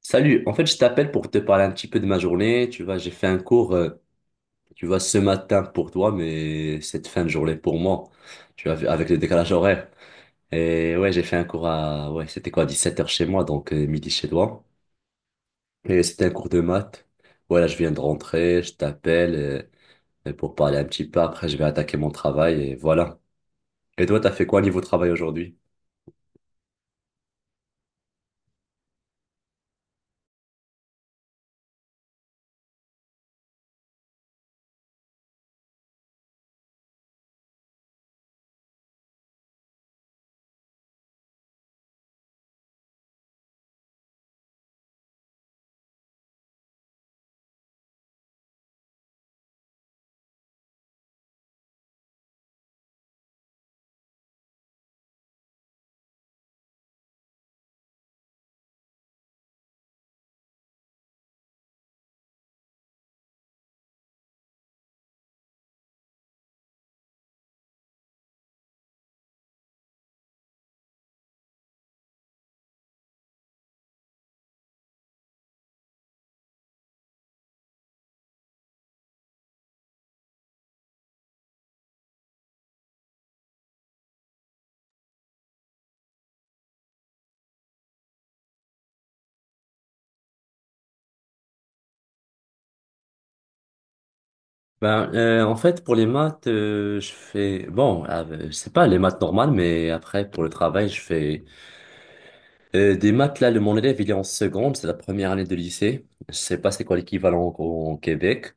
Salut, en fait, je t'appelle pour te parler un petit peu de ma journée. Tu vois, j'ai fait un cours, tu vois, ce matin pour toi, mais cette fin de journée pour moi, tu vois, avec le décalage horaire. Et ouais, j'ai fait un cours à, ouais, c'était quoi, 17h chez moi, donc midi chez toi. Et c'était un cours de maths. Voilà, je viens de rentrer, je t'appelle pour parler un petit peu. Après, je vais attaquer mon travail et voilà. Et toi, t'as fait quoi niveau travail aujourd'hui? Ben, en fait, pour les maths, je fais... Bon, je sais pas, les maths normales, mais après, pour le travail, je fais... des maths, là, mon élève, il est en seconde, c'est la première année de lycée. Je sais pas c'est quoi l'équivalent au Québec.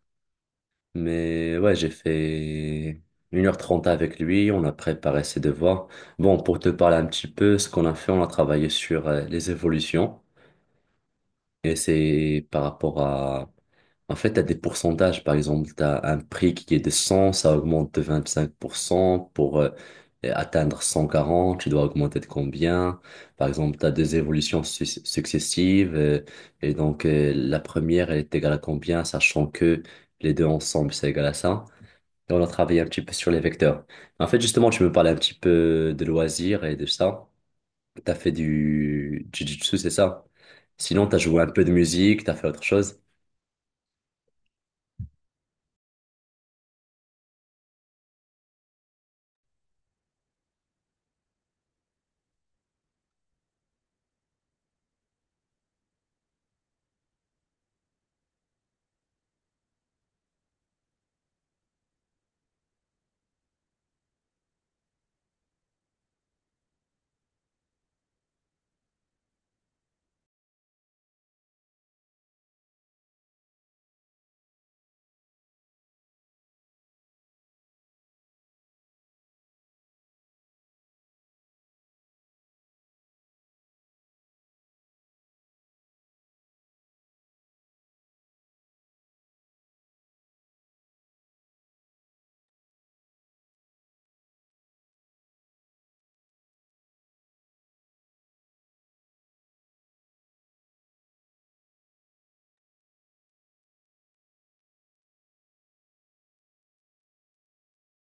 Mais ouais, j'ai fait 1h30 avec lui, on a préparé ses devoirs. Bon, pour te parler un petit peu, ce qu'on a fait, on a travaillé sur les évolutions. Et c'est par rapport à... En fait, t'as des pourcentages. Par exemple, t'as un prix qui est de 100, ça augmente de 25%. Pour atteindre 140, tu dois augmenter de combien? Par exemple, t'as des évolutions successives. Et donc, la première, elle est égale à combien, sachant que les deux ensemble, c'est égal à ça. Et on a travaillé un petit peu sur les vecteurs. En fait, justement, tu me parlais un petit peu de loisirs et de ça. T'as fait du jiu-jitsu, c'est ça? Sinon, t'as joué un peu de musique, t'as fait autre chose?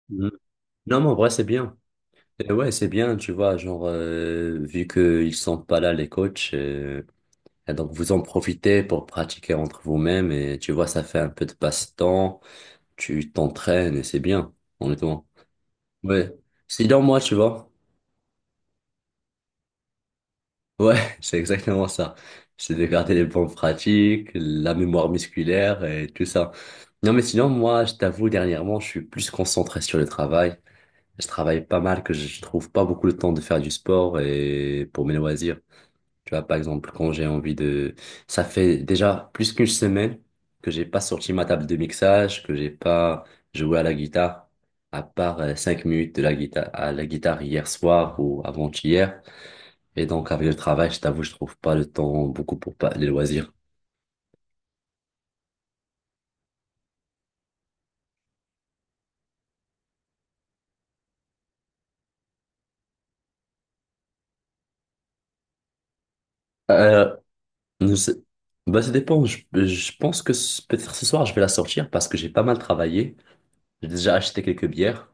Mhm. Non, mais en vrai, c'est bien. Et ouais, c'est bien, tu vois, genre, vu qu'ils sont pas là, les coachs, et donc vous en profitez pour pratiquer entre vous-même et tu vois, ça fait un peu de passe-temps, tu t'entraînes et c'est bien, honnêtement. Ouais. Sinon, moi, tu vois. Ouais, c'est exactement ça. C'est de garder les bonnes pratiques, la mémoire musculaire et tout ça. Non, mais sinon, moi, je t'avoue, dernièrement, je suis plus concentré sur le travail. Je travaille pas mal, que je trouve pas beaucoup de temps de faire du sport et pour mes loisirs. Tu vois, par exemple, quand j'ai envie de... Ça fait déjà plus qu'une semaine que j'ai pas sorti ma table de mixage, que j'ai pas joué à la guitare, à part 5 minutes à la guitare hier soir ou avant-hier. Et donc, avec le travail, je t'avoue, je trouve pas le temps beaucoup pour pas les loisirs. Euh, nous- c'est- bah, ça dépend. Je pense que peut-être ce soir, je vais la sortir parce que j'ai pas mal travaillé. J'ai déjà acheté quelques bières.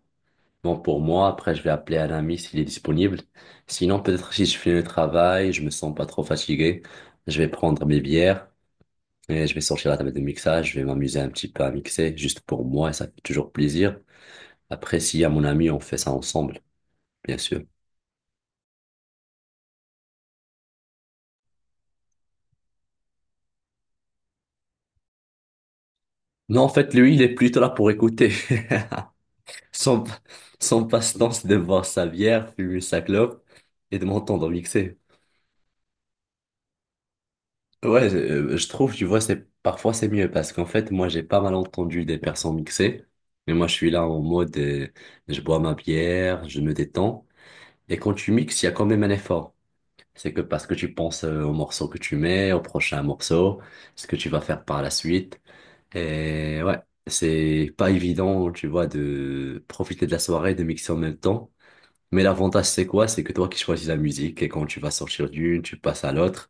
Bon, pour moi, après, je vais appeler un ami s'il est disponible. Sinon, peut-être si je finis le travail, je me sens pas trop fatigué, je vais prendre mes bières. Et je vais sortir la table de mixage, je vais m'amuser un petit peu à mixer, juste pour moi, et ça fait toujours plaisir. Après, s'il y a mon ami, on fait ça ensemble, bien sûr. Non, en fait, lui, il est plutôt là pour écouter. Son, son passe-temps, c'est de boire sa bière, fumer sa clope et de m'entendre mixer. Ouais, je trouve, tu vois, c'est, parfois c'est mieux parce qu'en fait, moi, j'ai pas mal entendu des personnes mixer. Mais moi, je suis là en mode, je bois ma bière, je me détends. Et quand tu mixes, il y a quand même un effort. C'est que parce que tu penses au morceau que tu mets, au prochain morceau, ce que tu vas faire par la suite. Et ouais, c'est pas évident, tu vois, de profiter de la soirée, de mixer en même temps. Mais l'avantage, c'est quoi? C'est que toi qui choisis la musique et quand tu vas sortir d'une, tu passes à l'autre.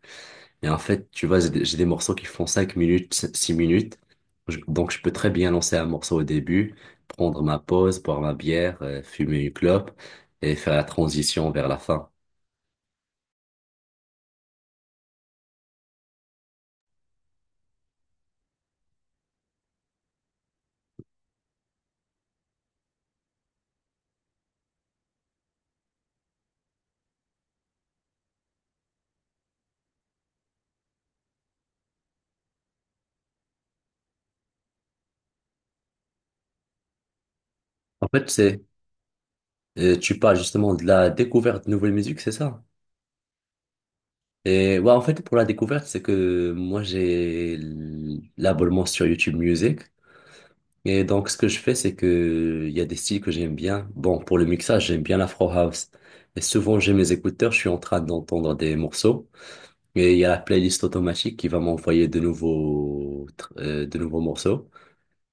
Et en fait, tu vois, j'ai des morceaux qui font 5 minutes, 6 minutes. Donc, je peux très bien lancer un morceau au début, prendre ma pause, boire ma bière, fumer une clope et faire la transition vers la fin. En fait, c'est tu parles justement de la découverte de nouvelles musiques, c'est ça? Et ouais, en fait, pour la découverte, c'est que moi, j'ai l'abonnement sur YouTube Music. Et donc, ce que je fais, c'est que il y a des styles que j'aime bien. Bon, pour le mixage, j'aime bien l'Afro House. Et souvent, j'ai mes écouteurs, je suis en train d'entendre des morceaux. Et il y a la playlist automatique qui va m'envoyer de nouveaux morceaux.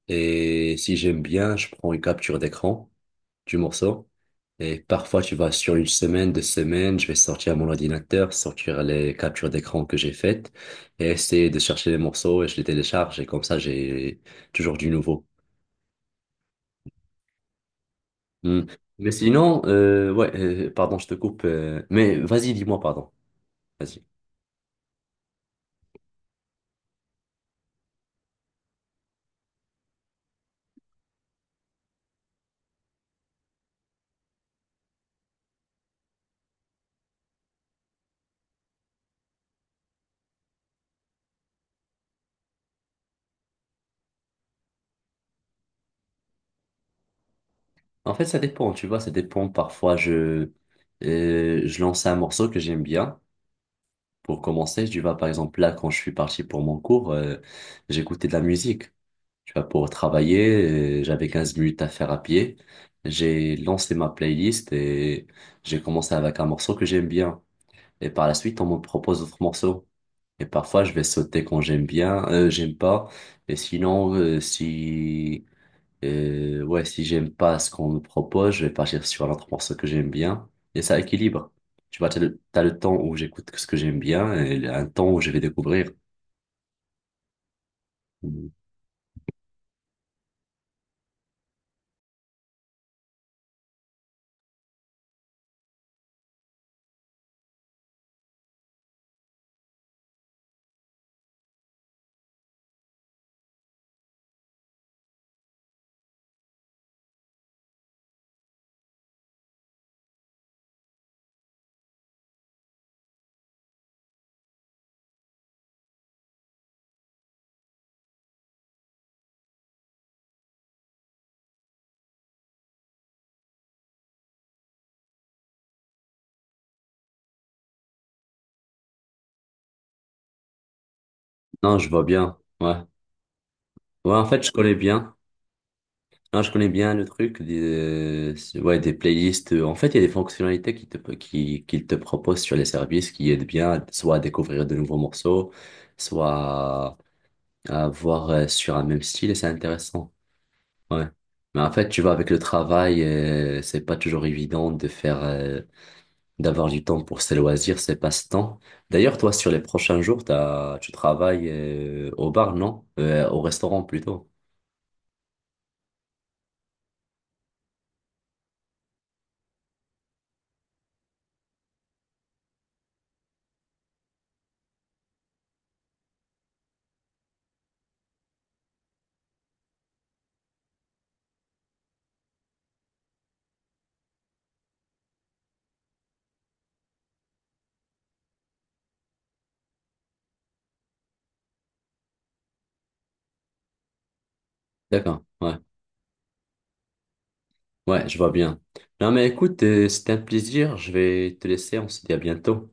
Et si j'aime bien, je prends une capture d'écran du morceau. Et parfois, tu vois, sur une semaine, 2 semaines, je vais sortir mon ordinateur, sortir les captures d'écran que j'ai faites et essayer de chercher les morceaux et je les télécharge. Et comme ça, j'ai toujours du nouveau. Hmm. Mais sinon, ouais, pardon, je te coupe. Mais vas-y, dis-moi, pardon. Vas-y. En fait, ça dépend, tu vois, ça dépend. Parfois, je lance un morceau que j'aime bien. Pour commencer, tu vois, par exemple, là, quand je suis parti pour mon cours, j'écoutais de la musique. Tu vois, pour travailler, j'avais 15 minutes à faire à pied. J'ai lancé ma playlist et j'ai commencé avec un morceau que j'aime bien. Et par la suite, on me propose d'autres morceaux. Et parfois, je vais sauter quand j'aime bien, j'aime pas. Et sinon, si et ouais, si j'aime pas ce qu'on me propose, je vais partir sur un autre morceau que j'aime bien. Et ça équilibre. Tu vois, t'as le temps où j'écoute ce que j'aime bien et un temps où je vais découvrir. Mhm. Non, je vois bien. Ouais. Ouais, en fait, je connais bien. Non, je connais bien le truc des, ouais, des playlists. En fait, il y a des fonctionnalités qu'ils te proposent sur les services qui aident bien, soit à découvrir de nouveaux morceaux, soit à voir sur un même style et c'est intéressant. Ouais. Mais en fait, tu vois, avec le travail, c'est pas toujours évident d'avoir du temps pour ses loisirs, ses passe-temps. D'ailleurs, toi, sur les prochains jours, tu travailles, au bar, non? Au restaurant plutôt. D'accord. Ouais. Ouais, je vois bien. Non, mais écoute, c'était un plaisir. Je vais te laisser. On se dit à bientôt.